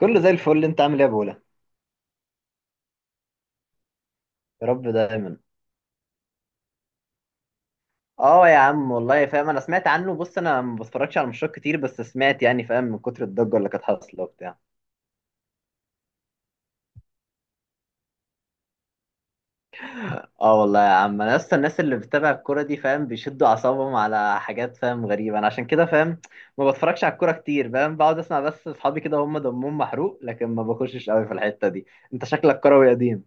كله زي الفل، انت عامل ايه يا بولا؟ يا رب دايما. اه يا عم والله فاهم، انا سمعت عنه. بص انا ما بتفرجش على ماتشات كتير، بس سمعت، يعني فاهم، من كتر الضجه اللي كانت حاصله وبتاع. اه والله يا عم، انا لسه الناس اللي بتتابع الكوره دي، فاهم، بيشدوا اعصابهم على حاجات، فاهم، غريبه. انا عشان كده، فاهم، ما بتفرجش على الكوره كتير، فاهم، بقعد اسمع بس. اصحابي كده هم دمهم محروق، لكن ما بخشش قوي في الحته دي. انت شكلك كروي قديم.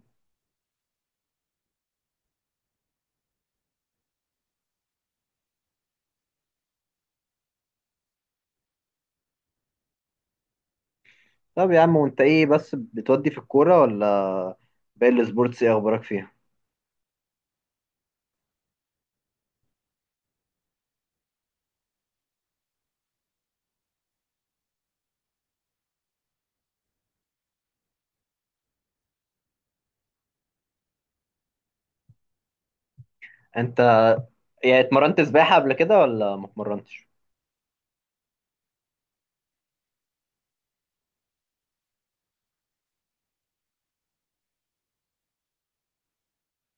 طب يا عم، وانت ايه بس بتودي في الكوره ولا باقي السبورتس؟ ايه اخبارك فيها؟ انت يعني اتمرنت سباحة قبل كده ولا ما اتمرنتش؟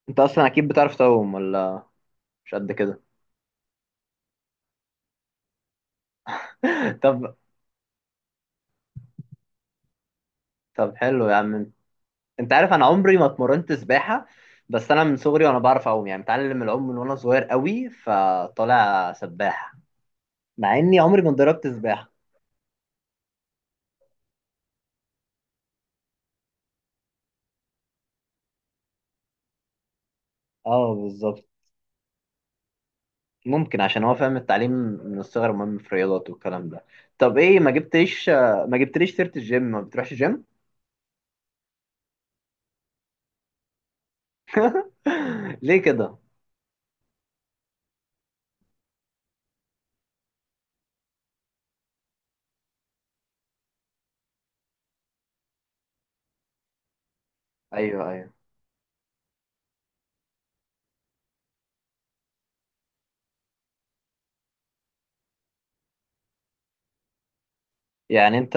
انت اصلا اكيد بتعرف تعوم ولا مش قد كده؟ طب، طب حلو يا عم. انت عارف انا عمري ما اتمرنت سباحة، بس انا من صغري وانا بعرف اعوم، يعني متعلم العوم من وانا صغير قوي، فطالع سباح مع اني عمري ما اتدربت سباحة. اه بالظبط. ممكن عشان هو، فاهم، التعليم من الصغر مهم في الرياضات والكلام ده. طب ايه، ما جبتليش، ما جبتليش سيرة الجيم؟ ما بتروحش جيم؟ ليه كده؟ ايوه ايوه. يعني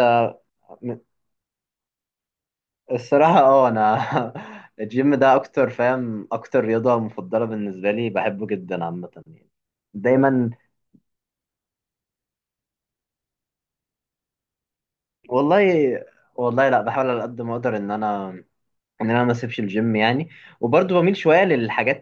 الصراحة اه انا الجيم ده اكتر، فاهم، اكتر رياضة مفضلة بالنسبة لي، بحبه جدا عامة يعني، دايما. والله، والله لا، بحاول على قد ما اقدر ان انا، ان انا ما اسيبش الجيم يعني. وبرضه بميل شويه للحاجات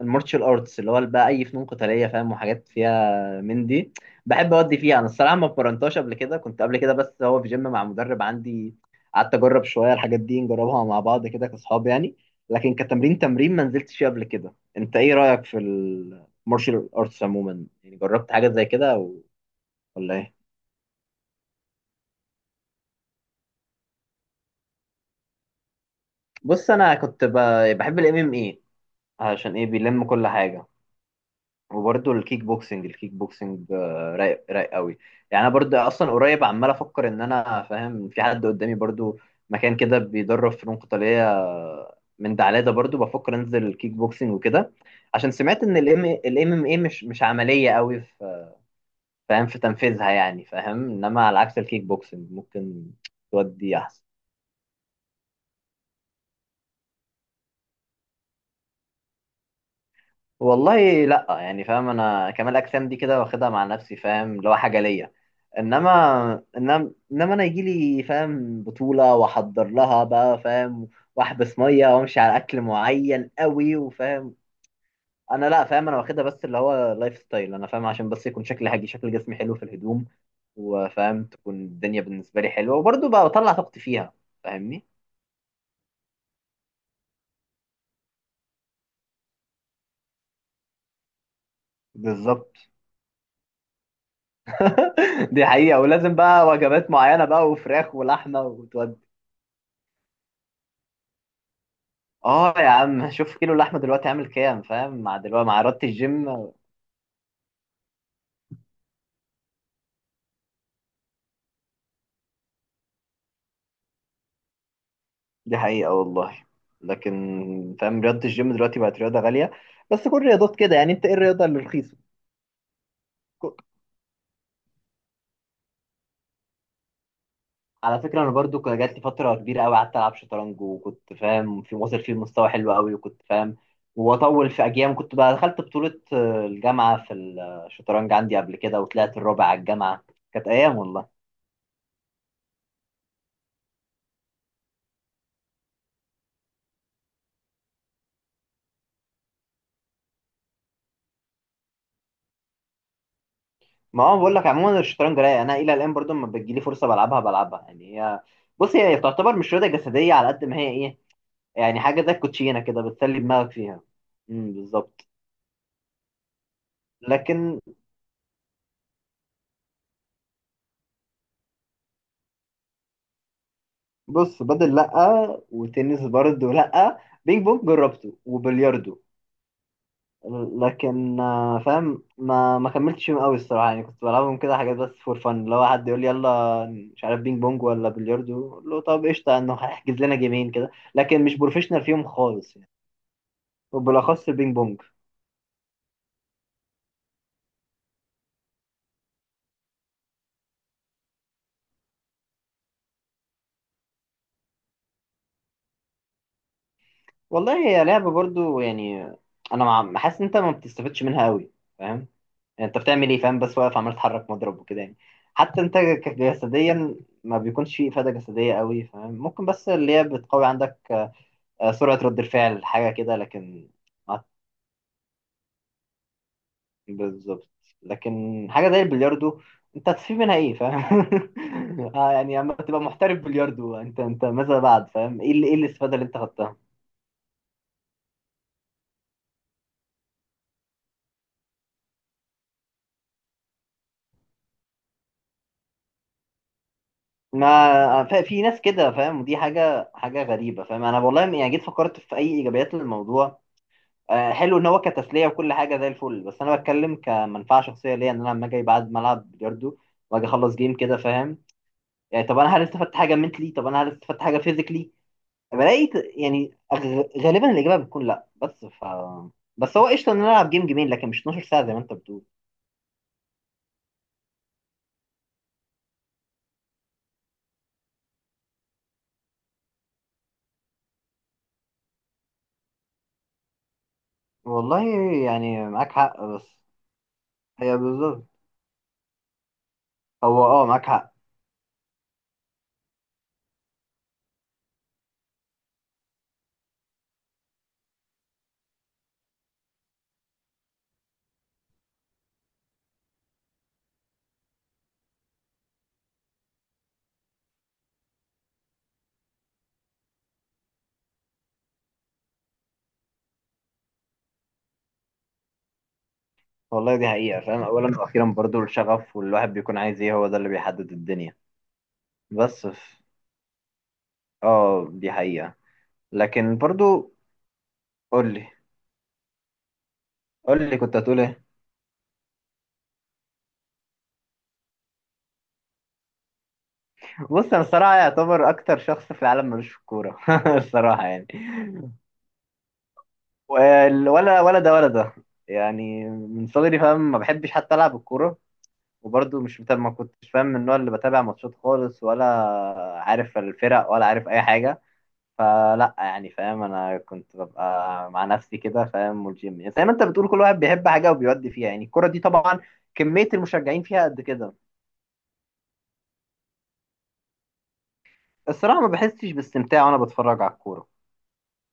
المارشال ارتس، اللي هو بقى اي فنون قتاليه، فاهم، وحاجات فيها من دي. بحب اودي فيها. انا الصراحه ما اتمرنتهاش قبل كده، كنت قبل كده بس هو في جيم مع مدرب عندي، قعدت اجرب شويه الحاجات دي، نجربها مع بعض كده كاصحاب يعني. لكن كتمرين تمرين ما نزلتش فيه قبل كده. انت ايه رايك في المارشال ارتس عموما؟ يعني جربت حاجات زي كده ولا ايه؟ بص انا كنت بحب الام ام اي، عشان ايه؟ بيلم كل حاجه. وبرضه الكيك بوكسنج، آه، رايق، رايق قوي. يعني انا برضه اصلا قريب عمال افكر ان انا، فاهم، في حد قدامي برضه مكان كده بيدرب فنون قتاليه، آه، من دعلادة برضه بفكر انزل الكيك بوكسنج وكده. عشان سمعت ان الام ام اي مش، مش عمليه قوي في، فاهم، في تنفيذها، يعني فاهم، انما على عكس الكيك بوكسنج ممكن تودي احسن. والله لا، يعني فاهم، انا كمال اجسام دي كده واخدها مع نفسي، فاهم، اللي هو حاجه ليا. انما انا يجي لي، فاهم، بطوله واحضر لها بقى، فاهم، واحبس ميه وامشي على اكل معين قوي، وفاهم، انا لا، فاهم، انا واخدها بس اللي هو لايف ستايل. انا فاهم عشان بس يكون شكلي حاجي، شكل جسمي حلو في الهدوم، وفاهم، تكون الدنيا بالنسبه لي حلوه، وبرضه بقى بطلع طاقتي فيها، فاهمني. بالظبط. دي حقيقة. ولازم بقى وجبات معينة بقى، وفراخ ولحمة. اه يا عم، شوف كيلو اللحمه دلوقتي عامل كام، فاهم، مع دلوقتي مع رياضه الجيم. دي حقيقه والله. لكن، فاهم، رياضه الجيم دلوقتي بقت رياضه غاليه. بس كل الرياضات كده يعني، انت ايه الرياضه اللي رخيصه؟ ك- على فكره انا برضو كان جات لي فتره كبيره قوي قعدت العب شطرنج، وكنت، فاهم، في واصل فيه مستوى حلو قوي، وكنت فاهم واطول في اجيال. كنت بقى دخلت بطوله، آه، الجامعه في الشطرنج عندي قبل كده، وطلعت الرابع على الجامعه. كانت ايام والله. ما هو بقول لك عموما، الشطرنج رايق. انا الى الان برضو لما بتجيلي فرصه بلعبها بلعبها يعني. هي، بص هي تعتبر مش رياضه جسديه على قد ما هي ايه، يعني حاجه زي الكوتشينه كده، بتسلي دماغك فيها. امم، بالظبط. لكن بص، بدل لا، وتنس برضو لا، بينج بونج جربته، وبلياردو. لكن آه، فاهم، ما كملتش فيهم قوي الصراحه، يعني كنت بلعبهم كده حاجات بس فور فن. لو حد يقول لي يلا، مش عارف بينج بونج ولا بلياردو، اقول له طب قشطه، انه هيحجز لنا جيمين كده، لكن مش بروفيشنال فيهم خالص. وبالاخص البينج بونج. والله هي لعبه برضو يعني، حاسس ان انت ما بتستفادش منها قوي، فاهم. يعني انت بتعمل ايه، فاهم، بس واقف عمال تحرك مضرب وكده يعني. حتى انت جسديا ما بيكونش فيه افاده جسديه قوي، فاهم. ممكن بس اللي هي بتقوي عندك، آه، سرعه رد الفعل، حاجه كده، لكن ما- بالظبط. لكن حاجه زي البلياردو، انت هتستفيد منها ايه، فاهم؟ آه، يعني اما تبقى محترف بلياردو، انت ماذا بعد؟ فاهم ايه ايه الاستفاده اللي انت خدتها؟ ما ف- في ناس كده، فاهم، ودي حاجة، غريبة، فاهم. أنا والله يعني جيت فكرت في أي إيجابيات للموضوع. آه، حلو إن هو كتسلية وكل حاجة زي الفل، بس أنا بتكلم كمنفعة شخصية ليا. إن أنا لما أجي بعد ملعب بلياردو وأجي أخلص جيم كده، فاهم، يعني طب أنا هل استفدت حاجة منتلي؟ طب أنا هل استفدت حاجة فيزيكلي؟ بلاقي يعني غالبا الإجابة بتكون لأ. بس هو قشطة إن أنا ألعب جيم جيمين، لكن مش 12 ساعة زي ما أنت بتقول. والله يعني معاك حق، بس هي بالظبط، هو أه معاك حق. والله دي حقيقة، فاهم، أولا وأخيرا برضو الشغف، والواحد بيكون عايز إيه، هو ده اللي بيحدد الدنيا. بس ف... آه دي حقيقة. لكن برضو، قول لي، قول لي كنت هتقول إيه؟ بص أنا الصراحة يعتبر أكتر شخص في العالم ملوش في الكورة الصراحة يعني ولا ولا ده. يعني من صغري، فاهم، ما بحبش حتى ألعب الكورة. وبرضو مش بتابع، ما كنتش، فاهم، من النوع اللي بتابع ماتشات خالص، ولا عارف الفرق، ولا عارف أي حاجة. فلا يعني، فاهم، انا كنت ببقى مع نفسي كده، فاهم. والجيم يعني زي ما انت بتقول، كل واحد بيحب حاجه وبيودي فيها. يعني الكوره دي طبعا كميه المشجعين فيها قد كده. الصراحه ما بحسش باستمتاع وانا بتفرج على الكوره،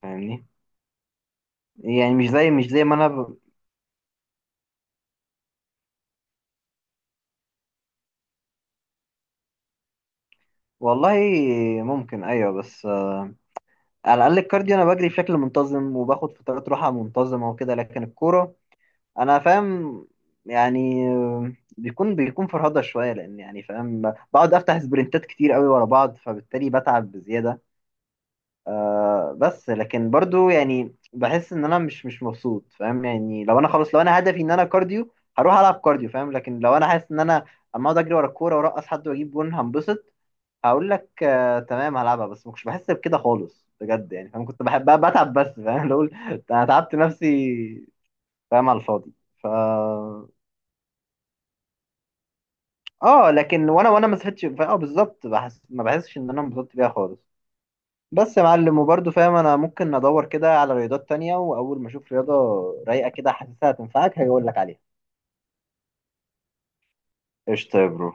فاهمني. يعني مش زي، ما انا والله ممكن ايوه، بس آه، على الاقل الكارديو انا بجري بشكل منتظم وباخد فترات راحه منتظمه وكده، لكن الكوره انا، فاهم، يعني بيكون فرهضه شويه، لان يعني فاهم بقعد افتح سبرنتات كتير قوي ورا بعض، فبالتالي بتعب بزياده. آه بس لكن برضو يعني بحس ان انا مش مبسوط، فاهم. يعني لو انا خلاص، لو انا هدفي ان انا كارديو، هروح العب كارديو، فاهم. لكن لو انا حاسس ان انا اما اقعد اجري ورا الكوره وارقص حد واجيب جون هنبسط، هقول لك آه تمام، هلعبها. بس ما كنتش بحس بكده خالص بجد، يعني فاهم كنت بحب بتعب بس، فاهم، لو انا تعبت نفسي، فاهم، على الفاضي. ف اه لكن وانا ما صحيتش. اه بالظبط، بحس، ما بحسش ان انا انبسطت بيها خالص. بس يا معلم، وبرضه فاهم انا ممكن ادور كده على رياضات تانية، واول ما اشوف رياضة رايقة كده حاسسها هتنفعك، هاجي اقول لك عليها. قشطة يا برو.